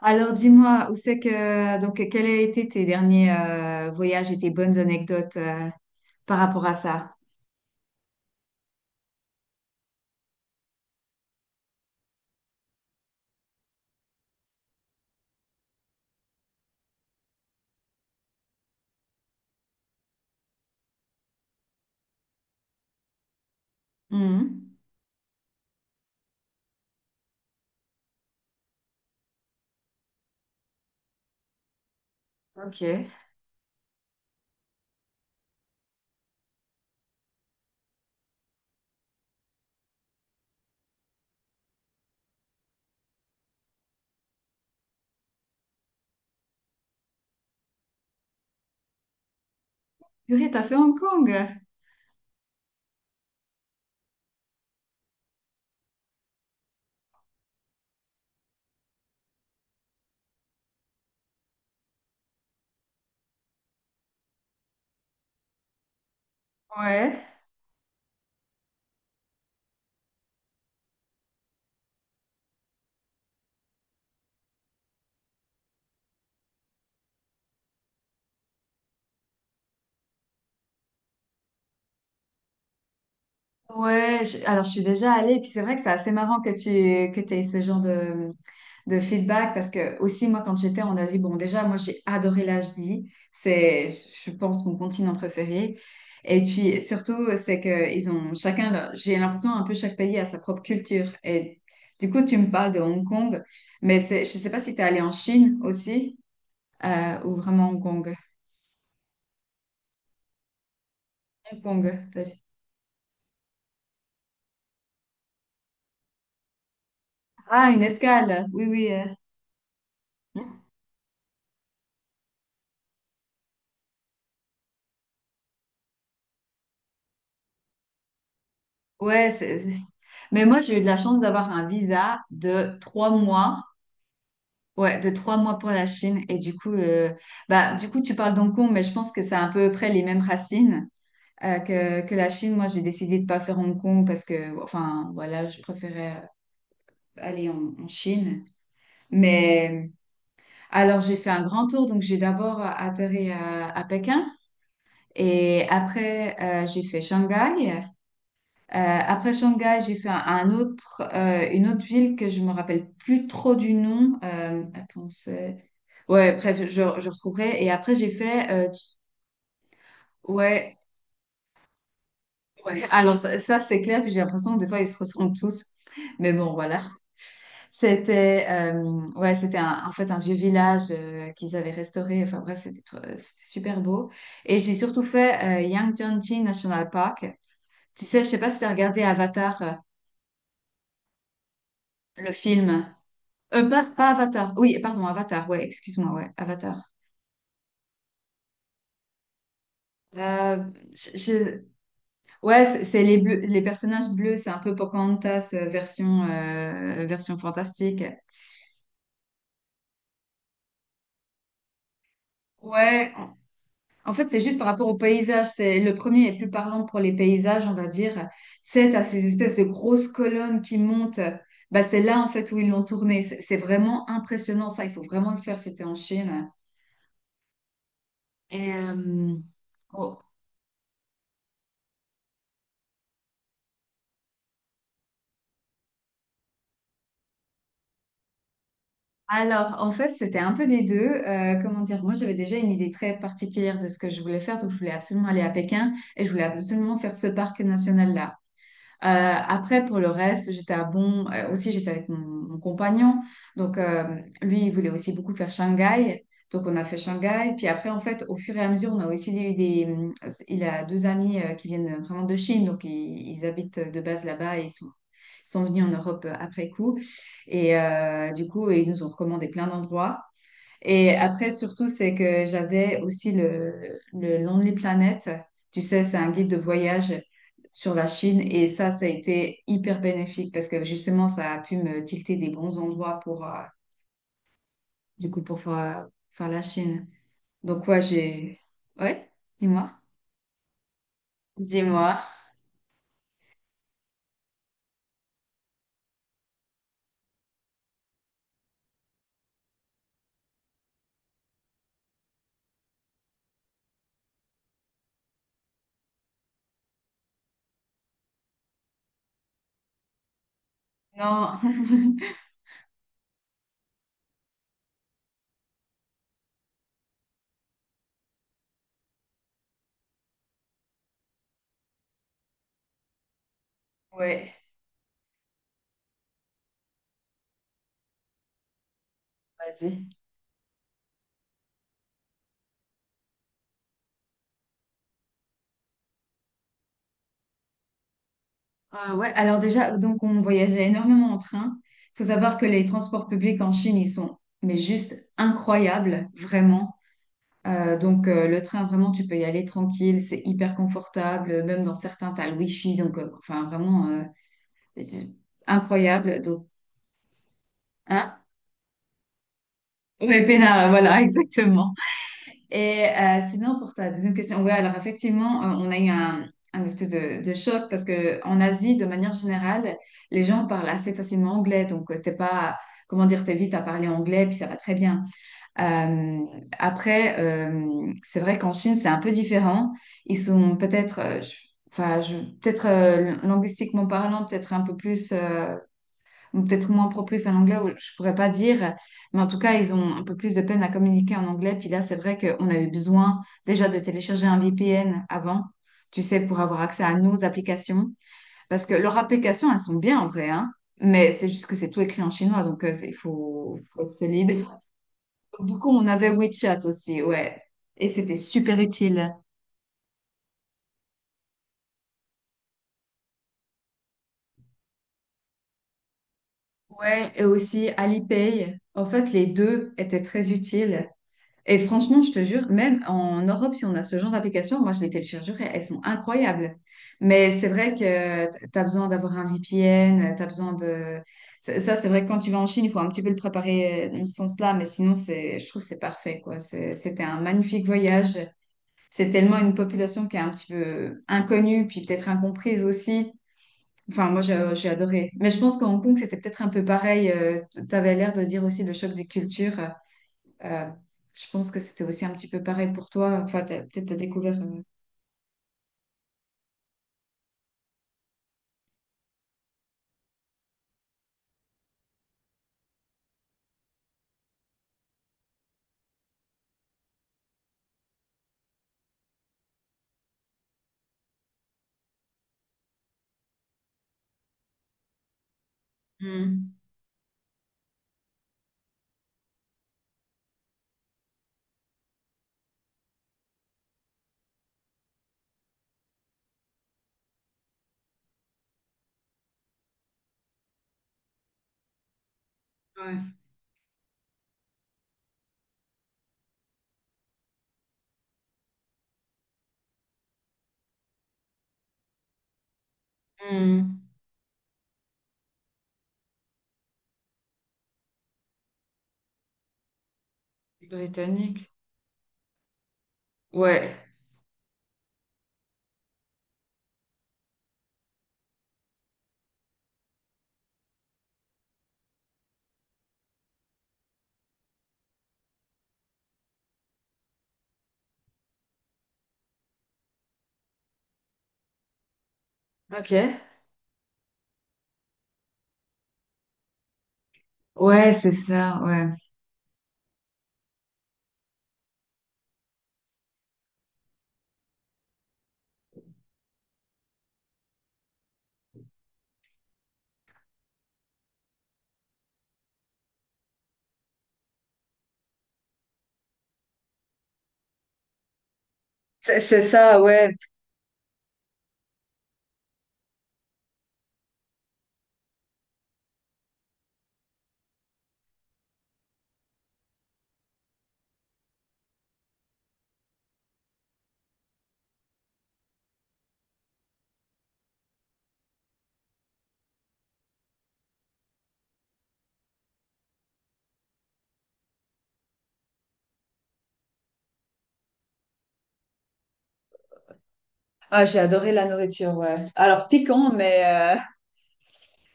Alors dis-moi, où c'est que donc quels a été tes derniers voyages et tes bonnes anecdotes par rapport à ça? Mhm. Ok. Purée, t'as fait Hong Kong? Ouais. Ouais, alors je suis déjà allée, et puis c'est vrai que c'est assez marrant que tu que t'aies ce genre de feedback parce que aussi moi quand j'étais en Asie, bon déjà moi j'ai adoré l'Asie, c'est je pense mon continent préféré. Et puis surtout c'est que ils ont chacun j'ai l'impression un peu chaque pays a sa propre culture. Et du coup tu me parles de Hong Kong, mais c'est je sais pas si tu es allé en Chine aussi ou vraiment Hong Kong. Hong Kong. Ah une escale. Oui oui. Ouais, mais moi j'ai eu de la chance d'avoir un visa de 3 mois. Ouais, de 3 mois pour la Chine. Et du coup, bah, du coup, tu parles d'Hong Kong, mais je pense que c'est à peu près les mêmes racines que la Chine. Moi, j'ai décidé de pas faire Hong Kong parce que, enfin, voilà, je préférais aller en, en Chine. Mais alors, j'ai fait un grand tour. Donc, j'ai d'abord atterri à Pékin et après, j'ai fait Shanghai. Après Shanghai, j'ai fait un autre, une autre ville que je me rappelle plus trop du nom. Attends, c'est... Ouais, bref, je retrouverai. Et après, j'ai fait... ouais, ouais. Alors, ça, c'est clair. Puis j'ai l'impression que des fois, ils se ressemblent tous. Mais bon, voilà. C'était ouais, en fait un vieux village qu'ils avaient restauré. Enfin bref, c'était super beau. Et j'ai surtout fait Yangtze National Park. Tu sais, je sais pas si tu as regardé Avatar, le film. Pas Avatar. Oui, pardon, Avatar. Ouais, excuse-moi. Ouais, Avatar. Euh, je- je- Ouais, c'est les personnages bleus. C'est un peu Pocahontas version version fantastique. Ouais. En fait, c'est juste par rapport au paysage. C'est le premier est plus parlant pour les paysages, on va dire. C'est à ces espèces de grosses colonnes qui montent. Bah, c'est là en fait où ils l'ont tourné. C'est vraiment impressionnant ça. Il faut vraiment le faire. C'était en Chine. Et oh, alors, en fait, c'était un peu des deux. Comment dire, moi, j'avais déjà une idée très particulière de ce que je voulais faire, donc je voulais absolument aller à Pékin et je voulais absolument faire ce parc national-là. Après, pour le reste, j'étais à Bon. Aussi, j'étais avec mon compagnon. Donc, lui, il voulait aussi beaucoup faire Shanghai. Donc, on a fait Shanghai. Puis après, en fait, au fur et à mesure, on a aussi eu des... Il a deux amis qui viennent vraiment de Chine. Donc, ils habitent de base là-bas et ils sont venus en Europe après coup. Et du coup, ils nous ont recommandé plein d'endroits. Et après, surtout, c'est que j'avais aussi le Lonely Planet. Tu sais, c'est un guide de voyage sur la Chine. Et ça a été hyper bénéfique parce que justement, ça a pu me tilter des bons endroits pour, du coup, pour faire la Chine. Donc, ouais, j'ai... Ouais, dis-moi. Dis-moi. Non, ouais, vas-y. Ah ouais, alors déjà, donc on voyageait énormément en train. Il faut savoir que les transports publics en Chine, ils sont mais juste incroyables, vraiment. Le train, vraiment, tu peux y aller tranquille, c'est hyper confortable. Même dans certains, tu as le wifi, donc enfin vraiment c'est incroyable. Donc, hein? Ouais, peinard, voilà, exactement. Et sinon, pour ta deuxième question, ouais, alors effectivement, on a eu un espèce de choc parce que en Asie, de manière générale, les gens parlent assez facilement anglais, donc t'es pas, comment dire, t'es vite à parler anglais, puis ça va très bien. Euh, c'est vrai qu'en Chine, c'est un peu différent. Ils sont peut-être, peut-être linguistiquement parlant, peut-être un peu plus, ou peut-être moins propice à l'anglais, ou je pourrais pas dire. Mais en tout cas, ils ont un peu plus de peine à communiquer en anglais. Puis là, c'est vrai qu'on a eu besoin déjà de télécharger un VPN avant, tu sais, pour avoir accès à nos applications. Parce que leurs applications, elles sont bien en vrai, hein. Mais c'est juste que c'est tout écrit en chinois, donc il faut, faut être solide. Beaucoup, on avait WeChat aussi, ouais. Et c'était super utile. Ouais, et aussi Alipay. En fait, les deux étaient très utiles. Et franchement, je te jure, même en Europe, si on a ce genre d'application, moi, je les téléchargerais, elles sont incroyables. Mais c'est vrai que tu as besoin d'avoir un VPN, tu as besoin de... ça, c'est vrai que quand tu vas en Chine, il faut un petit peu le préparer dans ce sens-là, mais sinon, je trouve que c'est parfait, quoi. C'était un magnifique voyage. C'est tellement une population qui est un petit peu inconnue, puis peut-être incomprise aussi. Enfin, moi, j'ai adoré. Mais je pense qu'à Hong Kong, c'était peut-être un peu pareil. Tu avais l'air de dire aussi le choc des cultures. Euh, je pense que c'était aussi un petit peu pareil pour toi. Enfin, peut-être t'as découvert. Hmm. Ouais. Hmm. Britannique. Ouais. Ok. Ouais, c'est ça, ouais. C'est ça, ouais. Ah, j'ai adoré la nourriture, ouais. Alors piquant,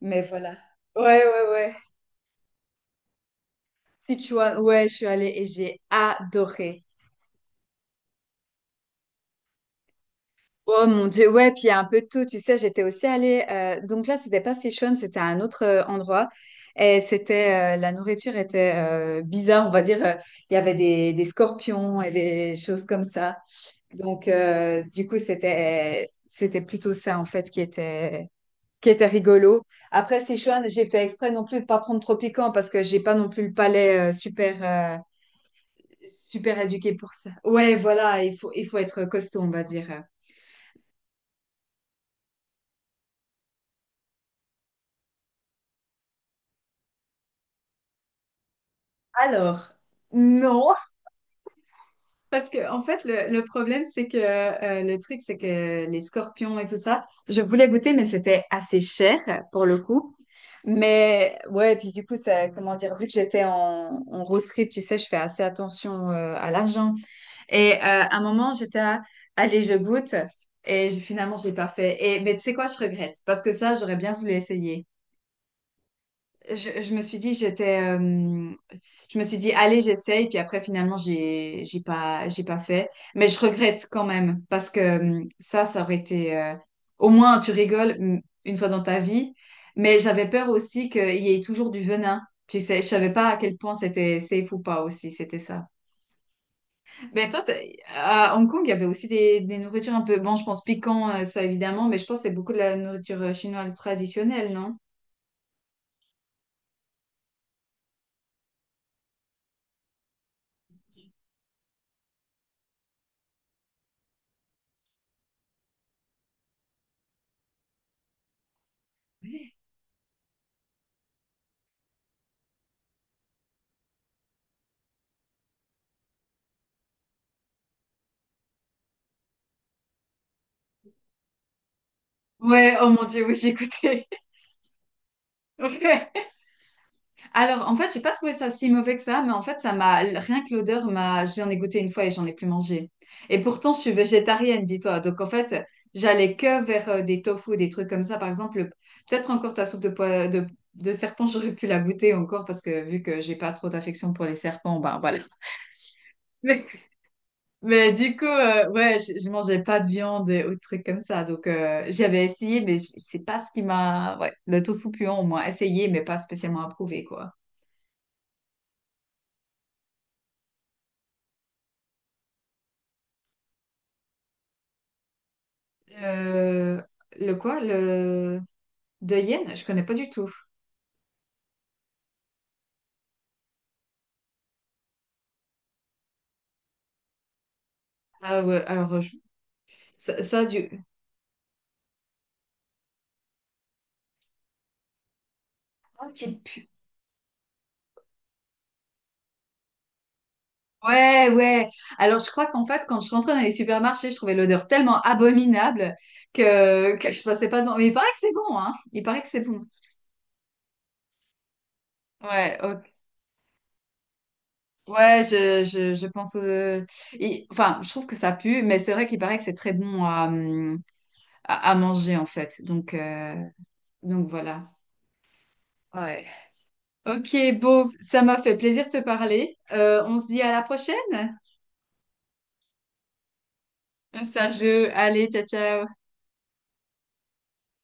mais voilà. Ouais, ouais, ouais. Sichuan, ouais, je suis allée et j'ai adoré. Oh mon Dieu, ouais, puis il y a un peu de tout, tu sais, j'étais aussi allée, donc là, c'était pas Sichuan, c'était un autre endroit, et c'était, la nourriture était bizarre, on va dire, il y avait des scorpions et des choses comme ça, donc du coup, c'était plutôt ça, en fait, qui était rigolo. Après Sichuan, j'ai fait exprès non plus de pas prendre trop piquant, parce que j'ai pas non plus le palais super éduqué pour ça. Ouais, voilà, il faut être costaud, on va dire. Alors... non, parce que, en fait, le problème, c'est que le truc, c'est que les scorpions et tout ça, je voulais goûter, mais c'était assez cher pour le coup. Mais ouais, puis du coup, ça, comment dire, vu que j'étais en, en road trip, tu sais, je fais assez attention à l'argent. Et à un moment, j'étais à, allez, je goûte. Et finalement, j'ai pas fait. Et, mais tu sais quoi, je regrette. Parce que ça, j'aurais bien voulu essayer. Je me suis dit, j'étais, je me suis dit, allez, j'essaye. Puis après, finalement, j'ai pas fait. Mais je regrette quand même parce que ça, ça aurait été. Au moins, tu rigoles mm, une fois dans ta vie. Mais j'avais peur aussi qu'il y ait toujours du venin. Tu sais, je savais pas à quel point c'était safe ou pas aussi. C'était ça. Mais toi, à Hong Kong, il y avait aussi des nourritures un peu. Bon, je pense piquant, ça évidemment, mais je pense que c'est beaucoup de la nourriture chinoise traditionnelle, non? Ouais, oh mon Dieu, oui, j'ai écouté. Alors, en fait, j'ai pas trouvé ça si mauvais que ça, mais en fait, ça m'a rien que l'odeur m'a. J'en ai goûté une fois et j'en ai plus mangé. Et pourtant, je suis végétarienne, dis-toi. Donc, en fait, j'allais que vers des tofu, des trucs comme ça. Par exemple, peut-être encore ta soupe de serpent, j'aurais pu la goûter encore parce que vu que j'ai pas trop d'affection pour les serpents, ben voilà. Mais, mais du coup, ouais, je mangeais pas de viande et autres trucs comme ça. Donc, j'avais essayé, mais c'est pas ce qui m'a. Ouais, le tofu puant, au moins essayé, mais pas spécialement approuvé, quoi. Le, le quoi? Le de Yen? Je connais pas du tout. Ah ouais, ça, ça, du. Oh, qui pue. Ouais, ouais. Alors je crois qu'en fait, quand je rentrais dans les supermarchés, je trouvais l'odeur tellement abominable que je passais pas dans. Mais il paraît que c'est bon, hein. Il paraît que c'est bon. Ouais, ok. Ouais, je pense. Enfin, je trouve que ça pue, mais c'est vrai qu'il paraît que c'est très bon à, à manger en fait. Donc voilà. Ouais. Ok, Beau, ça m'a fait plaisir de te parler. On se dit à la prochaine. Sergio, allez, ciao, ciao.